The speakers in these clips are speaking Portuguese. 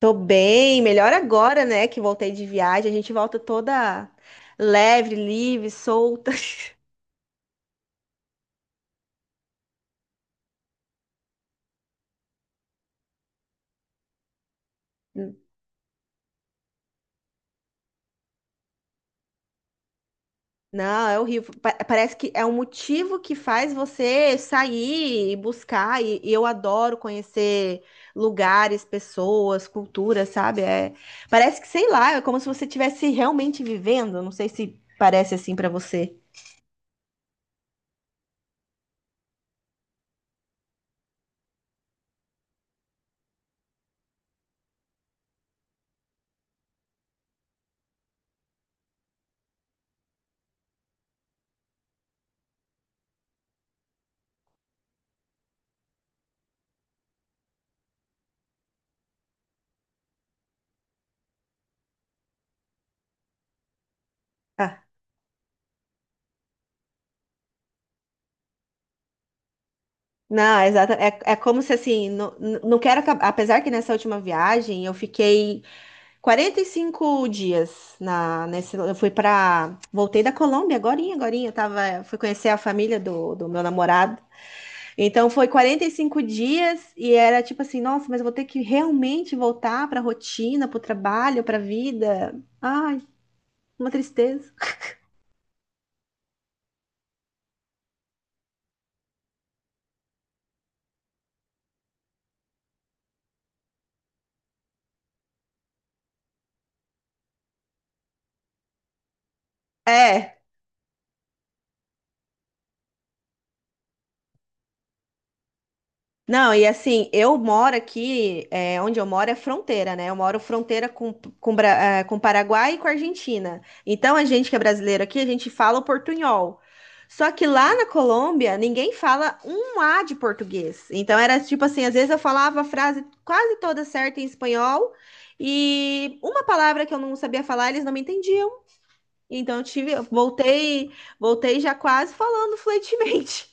Tô bem, melhor agora, né, que voltei de viagem. A gente volta toda leve, livre, solta. Não, é horrível. Parece que é um motivo que faz você sair e buscar. E eu adoro conhecer lugares, pessoas, culturas, sabe? Parece que, sei lá, é como se você estivesse realmente vivendo. Não sei se parece assim pra você. Ah, não, exato. É, é como se assim, não, não quero acabar. Apesar que nessa última viagem eu fiquei 45 dias nesse. Eu fui pra. Voltei da Colômbia agorinha, agorinha. Eu tava, fui conhecer a família do meu namorado. Então foi 45 dias e era tipo assim, nossa, mas eu vou ter que realmente voltar pra rotina, pro trabalho, pra vida. Ai, uma tristeza. É, não, e assim, eu moro aqui, é, onde eu moro é fronteira, né? Eu moro fronteira com Paraguai e com Argentina. Então, a gente que é brasileiro aqui, a gente fala o portunhol. Só que lá na Colômbia, ninguém fala um A de português. Então, era tipo assim, às vezes eu falava a frase quase toda certa em espanhol e uma palavra que eu não sabia falar, eles não me entendiam. Então, eu tive, eu voltei, já quase falando fluentemente.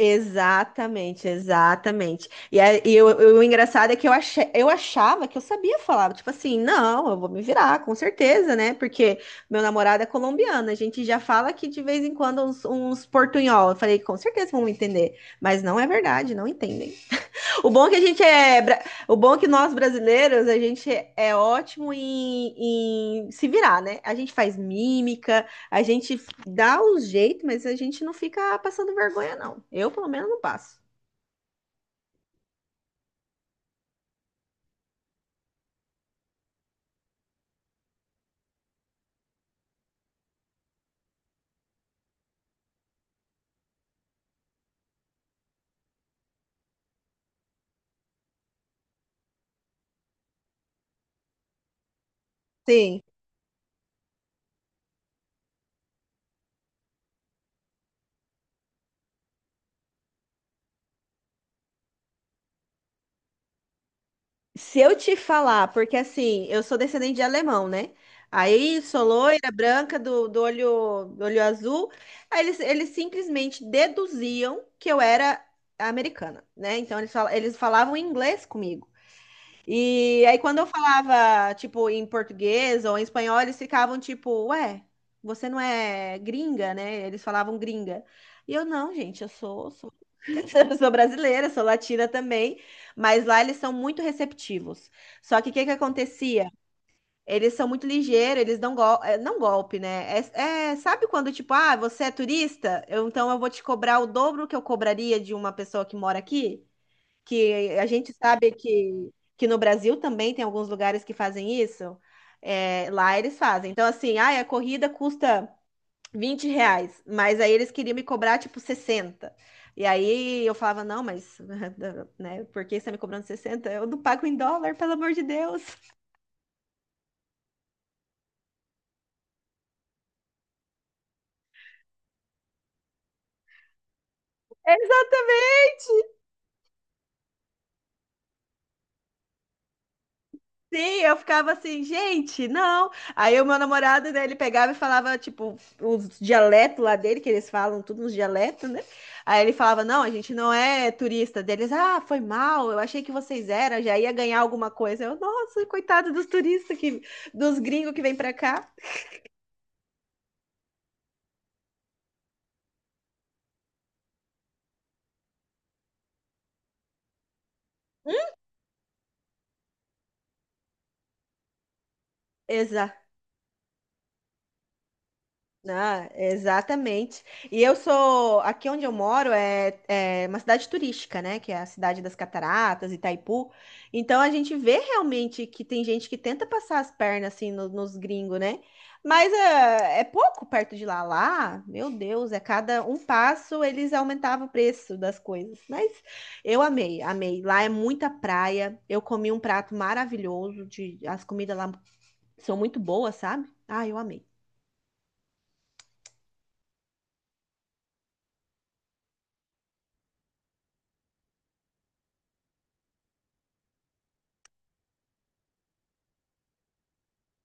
Exatamente, exatamente. O engraçado é que eu, achei, eu achava que eu sabia falar, tipo assim, não, eu vou me virar, com certeza, né? Porque meu namorado é colombiano, a gente já fala que de vez em quando uns portunhol. Eu falei, com certeza vão me entender, mas não é verdade, não entendem. O bom é que a gente é, bra- o bom é que nós brasileiros, a gente é ótimo em se virar, né? A gente faz mímica, a gente dá o jeito, mas a gente não fica passando vergonha, não. Eu, pelo menos, não passo. Sim. Se eu te falar, porque assim, eu sou descendente de alemão, né? Aí sou loira, branca, do olho azul. Aí eles simplesmente deduziam que eu era americana, né? Então eles falavam inglês comigo. E aí, quando eu falava, tipo, em português ou em espanhol, eles ficavam tipo, ué, você não é gringa, né? Eles falavam gringa. E eu, não, gente, sou, eu sou brasileira, sou latina também. Mas lá eles são muito receptivos. Só que o que que acontecia? Eles são muito ligeiros, eles dão gol... eh, não golpe, né? Sabe quando, tipo, ah, você é turista? Então eu vou te cobrar o dobro que eu cobraria de uma pessoa que mora aqui? Que a gente sabe que no Brasil também tem alguns lugares que fazem isso. É, lá eles fazem. Então, assim, ah, a corrida custa 20 reais, mas aí eles queriam me cobrar tipo 60. E aí eu falava, não, mas né, por que você está me cobrando 60? Eu não pago em dólar, pelo amor de Deus. Exatamente. Sim, eu ficava assim, gente, não. Aí o meu namorado, né, ele pegava e falava, tipo, os dialetos lá dele, que eles falam tudo nos dialetos, né? Aí ele falava, não, a gente não é turista deles. Ah, foi mal, eu achei que vocês eram, já ia ganhar alguma coisa. Eu, nossa, coitado dos turistas, que, dos gringos que vêm pra cá. Ah, exatamente. E eu sou, aqui onde eu moro é uma cidade turística, né? Que é a cidade das Cataratas, Itaipu. Então a gente vê realmente que tem gente que tenta passar as pernas assim nos gringos, né? Mas é, é pouco perto de lá. Lá, meu Deus, é cada um passo eles aumentavam o preço das coisas. Mas eu amei, amei. Lá é muita praia. Eu comi um prato maravilhoso de, as comidas lá são muito boas, sabe? Ah, eu amei.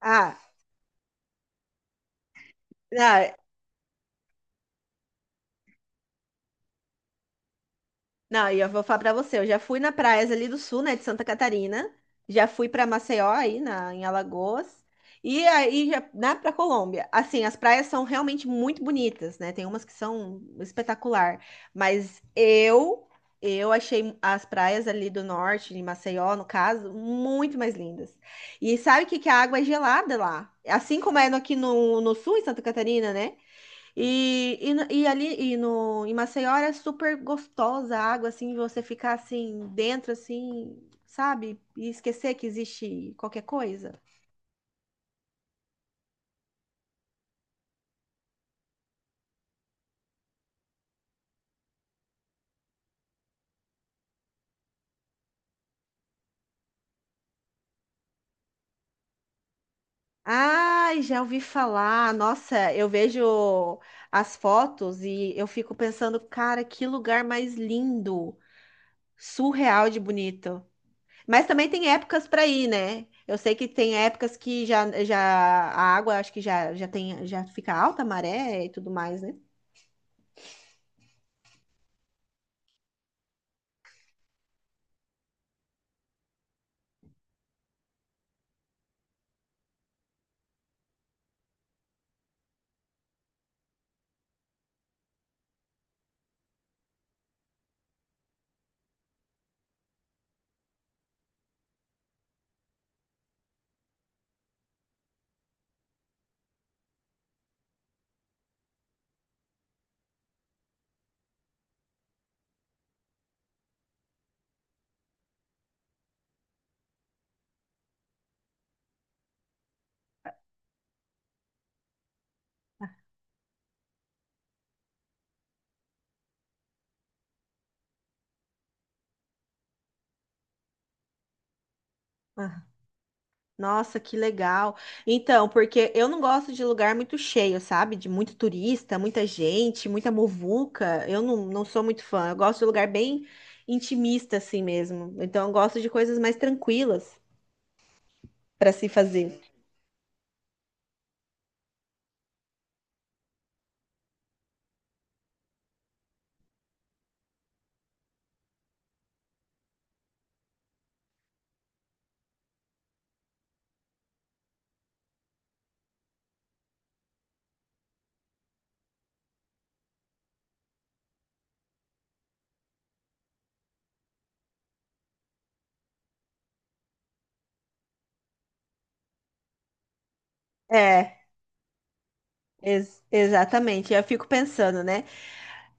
Ah, ah, não, e eu vou falar pra você, eu já fui na praias ali do sul, né, de Santa Catarina, já fui pra Maceió aí na em Alagoas e aí já, né, para Colômbia. Assim, as praias são realmente muito bonitas, né? Tem umas que são espetacular, mas eu achei as praias ali do norte, de Maceió, no caso, muito mais lindas. E sabe o que que a água é gelada lá? Assim como é aqui no sul, em Santa Catarina, né? E, no- e ali e no, Em Maceió era super gostosa a água, assim, você ficar assim dentro, assim, sabe? E esquecer que existe qualquer coisa. Ai, já ouvi falar. Nossa, eu vejo as fotos e eu fico pensando, cara, que lugar mais lindo, surreal de bonito. Mas também tem épocas para ir, né? Eu sei que tem épocas que já a água acho que já fica alta a maré e tudo mais, né? Nossa, que legal. Então, porque eu não gosto de lugar muito cheio, sabe? De muito turista, muita gente, muita muvuca. Eu não, não sou muito fã. Eu gosto de lugar bem intimista, assim mesmo. Então, eu gosto de coisas mais tranquilas para se fazer. É, exatamente. Eu fico pensando, né?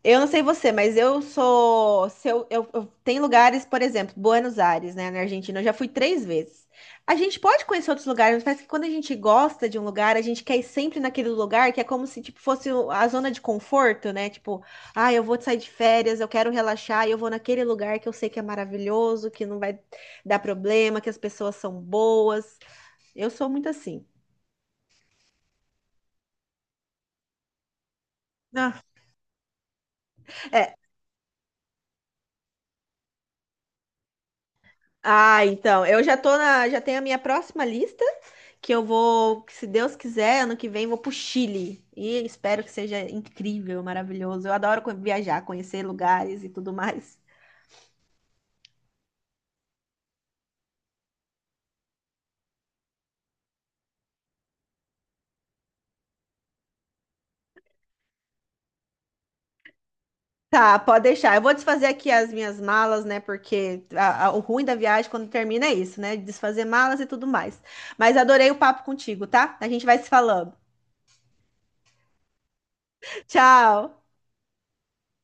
Eu não sei você, mas eu sou. Se eu, eu- Tem lugares, por exemplo, Buenos Aires, né, na Argentina, eu já fui 3 vezes. A gente pode conhecer outros lugares, mas parece que quando a gente gosta de um lugar, a gente quer ir sempre naquele lugar que é como se tipo, fosse a zona de conforto, né? Tipo, ah, eu vou sair de férias, eu quero relaxar, e eu vou naquele lugar que eu sei que é maravilhoso, que não vai dar problema, que as pessoas são boas. Eu sou muito assim. Ah, é. Ah, então, eu já tô na, já tenho a minha próxima lista que eu vou, que se Deus quiser, ano que vem vou pro Chile. E espero que seja incrível, maravilhoso. Eu adoro viajar, conhecer lugares e tudo mais. Tá, pode deixar. Eu vou desfazer aqui as minhas malas, né? Porque o ruim da viagem quando termina é isso, né? Desfazer malas e tudo mais. Mas adorei o papo contigo, tá? A gente vai se falando. Tchau!